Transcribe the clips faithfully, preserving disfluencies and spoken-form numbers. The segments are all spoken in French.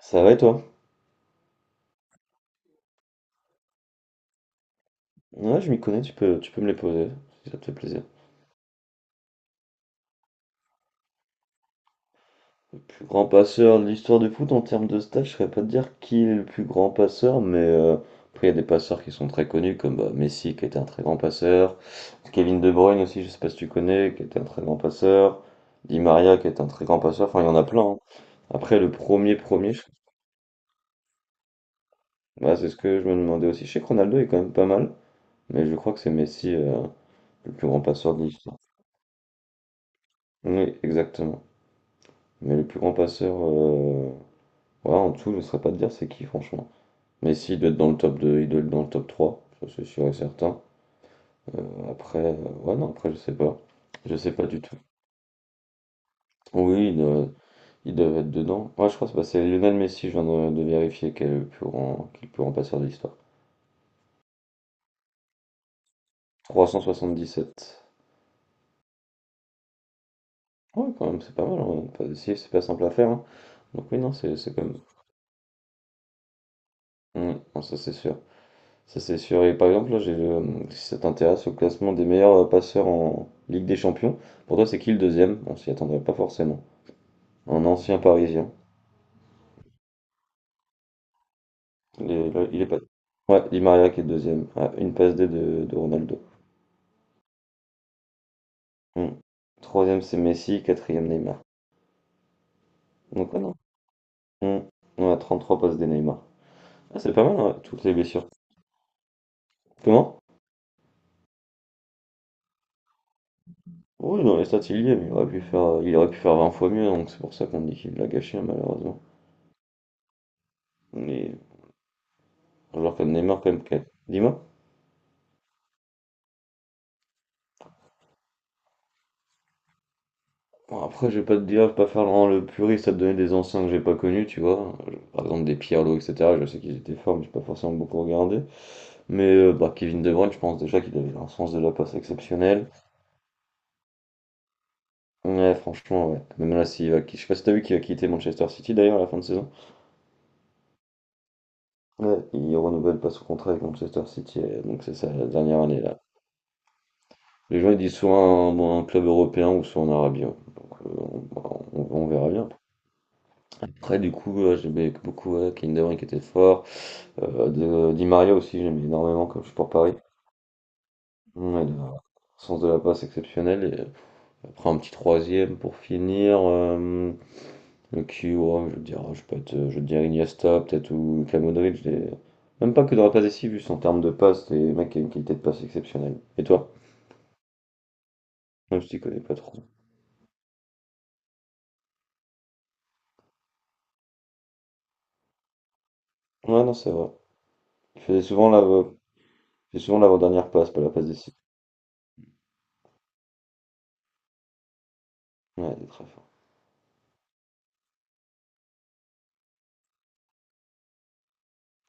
Ça va et toi? Ouais, je m'y connais, tu peux, tu peux me les poser, si ça te fait plaisir. Le plus grand passeur de l'histoire du foot en termes de stats, je saurais pas te dire qui est le plus grand passeur, mais euh, après il y a des passeurs qui sont très connus, comme bah, Messi qui était un très grand passeur, Kevin De Bruyne aussi, je sais pas si tu connais, qui était un très grand passeur, Di Maria qui était un très grand passeur, enfin il y en a plein, hein. Après le premier premier, je- Ouais, c'est ce que je me demandais aussi. Je sais que Ronaldo est quand même pas mal, mais je crois que c'est Messi euh, le plus grand passeur de l'histoire. Oui, exactement. Mais le plus grand passeur, euh, voilà, en dessous, je ne saurais pas te dire c'est qui, franchement. Messi, il doit être dans le top deux, il doit être dans le top trois, ça c'est sûr et certain. Euh, après, euh, ouais, non, après, je sais pas. Je sais pas du tout. Oui, ils doivent il doit être dedans. Ouais, je crois que c'est bah, c'est Lionel Messi, je viens de, de vérifier, qui est le plus grand, qui est le plus grand passeur de l'histoire. trois cent soixante-dix-sept. Ouais, quand même, c'est pas mal, hein. Pas- si, c'est pas simple à faire, hein. Donc, oui, non, c'est c'est quand même. Mm, non, ça, c'est sûr. Ça c'est sûr. Et par exemple, là, j'ai le, si ça t'intéresse, au classement des meilleurs euh, passeurs en Ligue des Champions, pour toi, c'est qui le deuxième? On s'y attendrait pas forcément. Un ancien Parisien. Il est, là, il est pas. Ouais, Di Maria qui est deuxième, à une passe D de, de Ronaldo. Hmm. Troisième, c'est Messi. Quatrième, Neymar. Donc, ouais, non. Hmm. On a trente trois passes D Neymar. Ah, c'est pas mal, hein, toutes les blessures. Comment? Oui, dans les stats, il y est, mais il aurait pu faire, euh, il aurait pu faire vingt fois mieux, donc c'est pour ça qu'on dit qu'il l'a gâché, hein, malheureusement. Mais un joueur comme Neymar, quand même, qui a- dis-moi. Bon, après, je vais pas te dire, je vais pas faire vraiment le puriste à te donner des anciens que j'ai pas connus, tu vois. Je- Par exemple, des Pirlo, et cetera. Je sais qu'ils étaient forts, mais j'ai pas forcément beaucoup regardé. Mais euh, bah, Kevin De Bruyne, je pense déjà qu'il avait un sens de la passe exceptionnel. Ouais, franchement, ouais. Même là, s'il va qui- je sais pas si t'as vu qu'il va quitter Manchester City d'ailleurs à la fin de saison. Ouais, il renouvelle pas son contrat avec Manchester City, euh, donc c'est sa dernière année là. Les gens ils disent soit un, bon, un club européen ou soit en Arabie, hein. Donc euh, on, bah, on on verra bien. Après du coup, heu, j'aimais beaucoup, ouais, Kevin De Bruyne qui était fort, heu, de Di Maria aussi, j'aimais énormément comme je suis pour Paris. Ouais, il a un sens de la passe exceptionnel et heu, après un petit troisième pour finir, hem, qui ouais je vais dire, je peux être, je vais dire Iniesta peut-être ou Luka Modrić des même pas que dans la passe décisive, juste en termes de passe, les mecs, qui y a une qualité de passe exceptionnelle. Et toi? Même si tu connais pas trop. Ouais, non, c'est vrai. Il faisait souvent la il faisait souvent l'avant-dernière passe, pas la passe décisive. Ouais, il est très fort.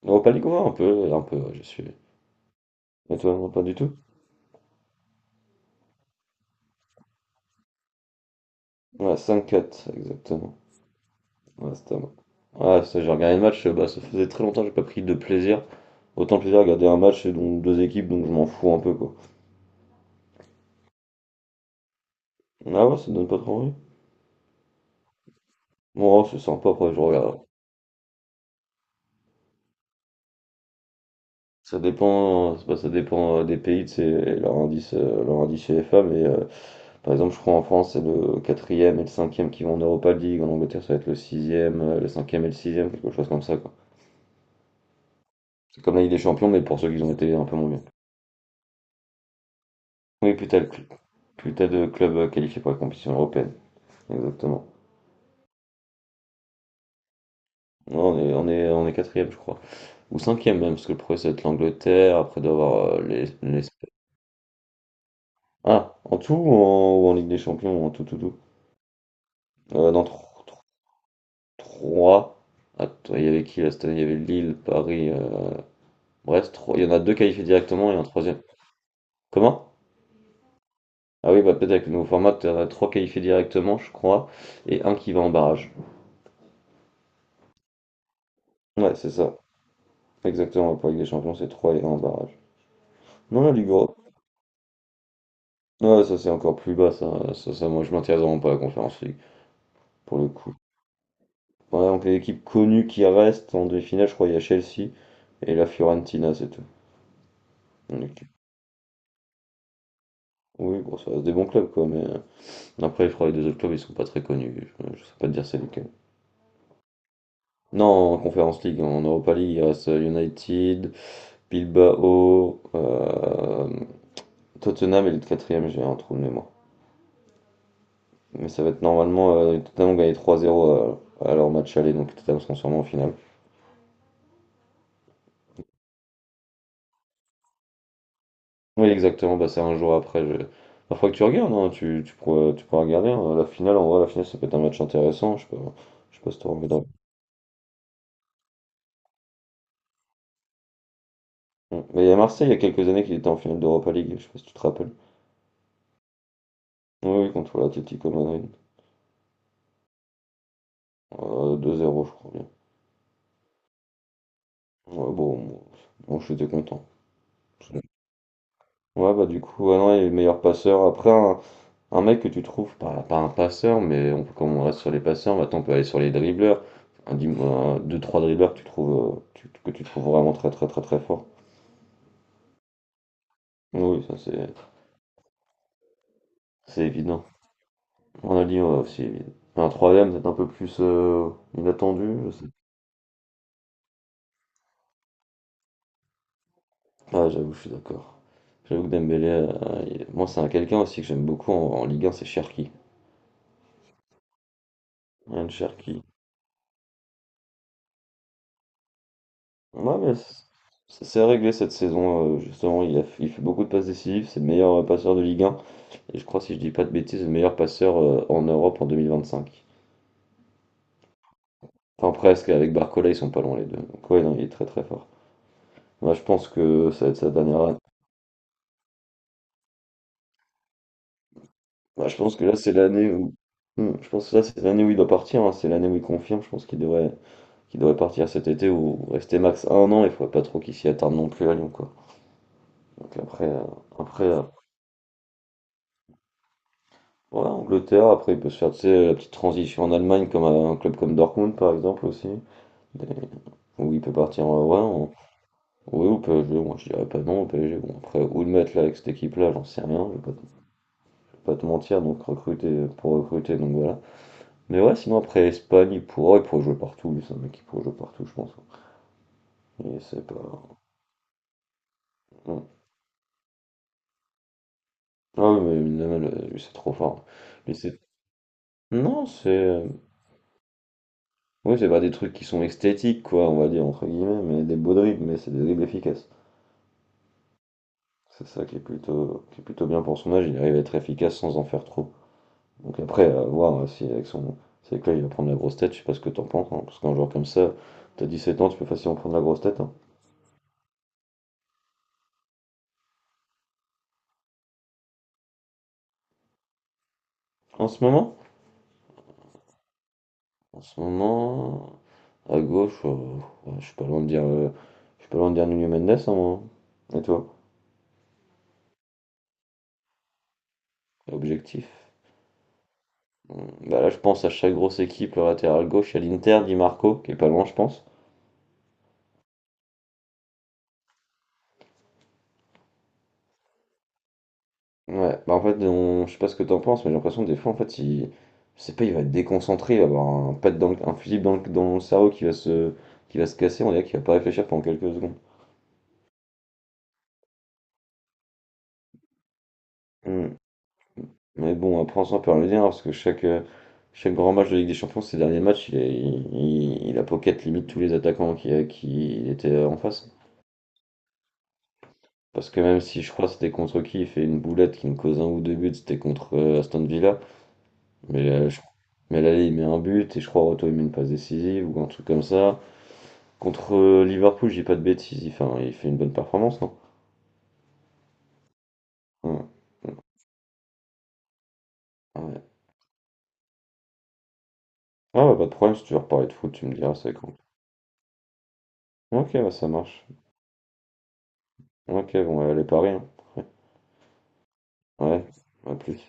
Europa League, ouais, un peu, un peu, ouais, j'ai suivi. Et toi, non, pas du tout? Ouais, cinq quatre, exactement. Ouais, c'était à moi. Ouais, ça, j'ai regardé le match, euh, bah, ça faisait très longtemps que j'ai pas pris de plaisir. Autant de plaisir à regarder un match, et donc deux équipes, donc je m'en fous un peu, quoi. Ah ouais, ça donne pas trop envie? Bon, ouais, c'est sympa, après, je regarde. Ça dépend, euh, c'est pas- ça dépend euh, des pays, c'est leur indice, euh, leur indice UEFA, mais euh, par exemple, je crois en France, c'est le quatrième et le cinquième qui vont en Europa League, en Angleterre, ça va être le sixième, euh, le cinquième et le sixième, quelque chose comme ça, quoi. C'est comme la Ligue des Champions, mais pour ceux qui ont été un peu moins bien. Oui, plus t'as le cl- plus t'as de clubs euh, qualifiés pour la compétition européenne. Exactement. Non, on est, on est, on est quatrième, je crois. Ou cinquième même, parce que le premier, ça va être l'Angleterre, après d'avoir les, les- Ah, en tout ou en, ou en Ligue des Champions, en tout, tout, tout. Euh, dans trois. Attends, il y avait qui là cette année? Il y avait Lille, Paris, euh, Brest. trois- Il y en a deux qualifiés directement et un troisième. Comment? Ah oui, bah peut-être avec le nouveau format, t'as trois qualifiés directement, je crois, et un qui va en barrage. Ouais, c'est ça. Exactement, pour la Ligue des Champions, c'est trois et un en barrage. Non, la Ligue Europe. Ouais, ça c'est encore plus bas, ça. Ça, ça, moi je m'intéresse vraiment pas à la Conférence League, pour le coup. Ouais, donc les équipes connues qui restent en demi-finale, je crois il y a Chelsea et la Fiorentina, c'est tout. Une équipe- Oui, bon, ça reste des bons clubs, quoi, mais euh, après, je crois que les deux autres clubs, ils sont pas très connus. Je, je sais pas te dire c'est lequel. Non, en Conférence League, en Europa League, il reste euh, United, Bilbao, euh, Tottenham et le quatrième, j'ai un trou de mémoire. Mais ça va être normalement, euh, Tottenham ont gagné trois zéro à, à leur match aller, donc Tottenham seront sûrement en finale. Oui, exactement, bah, c'est un jour après. Je... Bah, faudrait que tu regardes, hein. Tu, tu pourrais, tu pourras regarder, hein. La finale, en vrai, la finale, ça peut être un match intéressant. Je sais pas, je sais pas si tu envie d'en- Mm. Mais il y a Marseille, il y a quelques années, qu'il était en finale d'Europa League. Je sais pas si tu te rappelles. Oui, oui, contre l'Atlético Madrid. Euh, deux zéro, je crois bien. Ouais, bon, moi, moi, j'étais content. Ouais, bah du coup, ouais, non, il est meilleur passeur. Après, un, un mec que tu trouves, pas, pas un passeur, mais on, comme on reste sur les passeurs, maintenant on peut aller sur les dribbleurs. Un, dim- un- deux, trois dribbleurs que tu trouves, euh, tu- que tu trouves vraiment très très très très fort. Oui, oui, ça c'est c'est évident. On a dit ouais, aussi évident. Un troisième, peut-être un peu plus euh, inattendu, je sais. Ah, j'avoue, je suis d'accord. J'avoue que Dembélé, euh, il- moi c'est un quelqu'un aussi que j'aime beaucoup en, en Ligue un, c'est Cherki. Ryan Cherki. Ouais, mais c- c'est c'est réglé cette saison, euh, justement, il a, il fait beaucoup de passes décisives. C'est le meilleur euh, passeur de Ligue un. Et je crois, si je dis pas de bêtises, le meilleur passeur euh, en Europe en vingt vingt-cinq. Enfin, presque. Avec Barcola, ils sont pas loin les deux. Donc, ouais, non, il est très très fort. Moi, je pense que ça va être sa dernière année. Bah, je pense que là, c'est l'année où. Hmm, je pense que là, c'est l'année où il doit partir, hein. C'est l'année où il confirme. Je pense qu'il devrait, qu'il devrait partir cet été ou rester max un an. Il faudrait pas trop qu'il s'y attarde non plus à Lyon, quoi. Donc après, euh, après, euh, ouais, Angleterre, après il peut se faire tu sais, la petite transition en Allemagne comme à un club comme Dortmund par exemple aussi, des- où il peut partir en ouais, en- Ouais, au P S G, moi je dirais pas non au P S G, bon après où le mettre là avec cette équipe là, j'en sais rien, je vais pas, te je vais pas te mentir, donc recruter pour recruter, donc voilà. Mais ouais sinon après Espagne il pourra, il pourrait jouer partout, lui c'est un mec qui pourrait jouer partout je pense, hein. Et c'est pas. Non. Ah ouais, mais Minamal, euh, lui c'est trop fort. Lui c'est. Non, c'est. euh, Oui, c'est pas des trucs qui sont esthétiques, quoi, on va dire, entre guillemets, mais des beaux dribbles, mais c'est des dribbles efficaces. C'est ça qui est plutôt, qui est plutôt bien pour son âge, il arrive à être efficace sans en faire trop. Donc après, à voir euh, si avec son. Si avec là il va prendre la grosse tête, je sais pas ce que t'en penses, hein, parce qu'un joueur comme ça, t'as dix sept ans, tu peux facilement prendre la grosse tête, hein. En ce moment? En ce moment. À gauche, euh, ouais, je suis pas loin de dire. euh, je suis pas loin de dire Nuno Mendes, hein, moi, hein. Et toi? Objectif. Hum, Bah là, je pense à chaque grosse équipe, le latéral gauche, il y a l'Inter, Di Marco, qui est pas loin, je pense. Ouais, bah en fait, on- je sais pas ce que t'en penses, mais j'ai l'impression que des fois, en fait, il... je sais pas, il va être déconcentré, il va avoir un pet dans le- un fusible dans le... dans le... cerveau qui va se... qui va se casser, on dirait qu'il va pas réfléchir pendant quelques secondes. Hmm. Mais bon, après, on s'en peut rien dire, parce que chaque, euh, chaque grand match de Ligue des Champions, ces derniers matchs, il, est- il... il a pocket limite tous les attaquants qui, qui étaient en face. Parce que même si je crois que c'était contre qui, il fait une boulette qui nous cause un ou deux buts, c'était contre euh, Aston Villa. Mais, euh, je- mais là, il met un but, et je crois Roto, il met une passe décisive, ou un truc comme ça. Contre euh, Liverpool, j'ai pas de bêtises, il fait, un- il fait une bonne performance, non? Ouais, Ah ouais. Ah bah, pas de problème, si tu veux reparler de foot, tu me diras, c'est quand. Ok, bah ça marche. Ok, bon, bah, allez, Paris, hein. Ouais, ouais, à plus.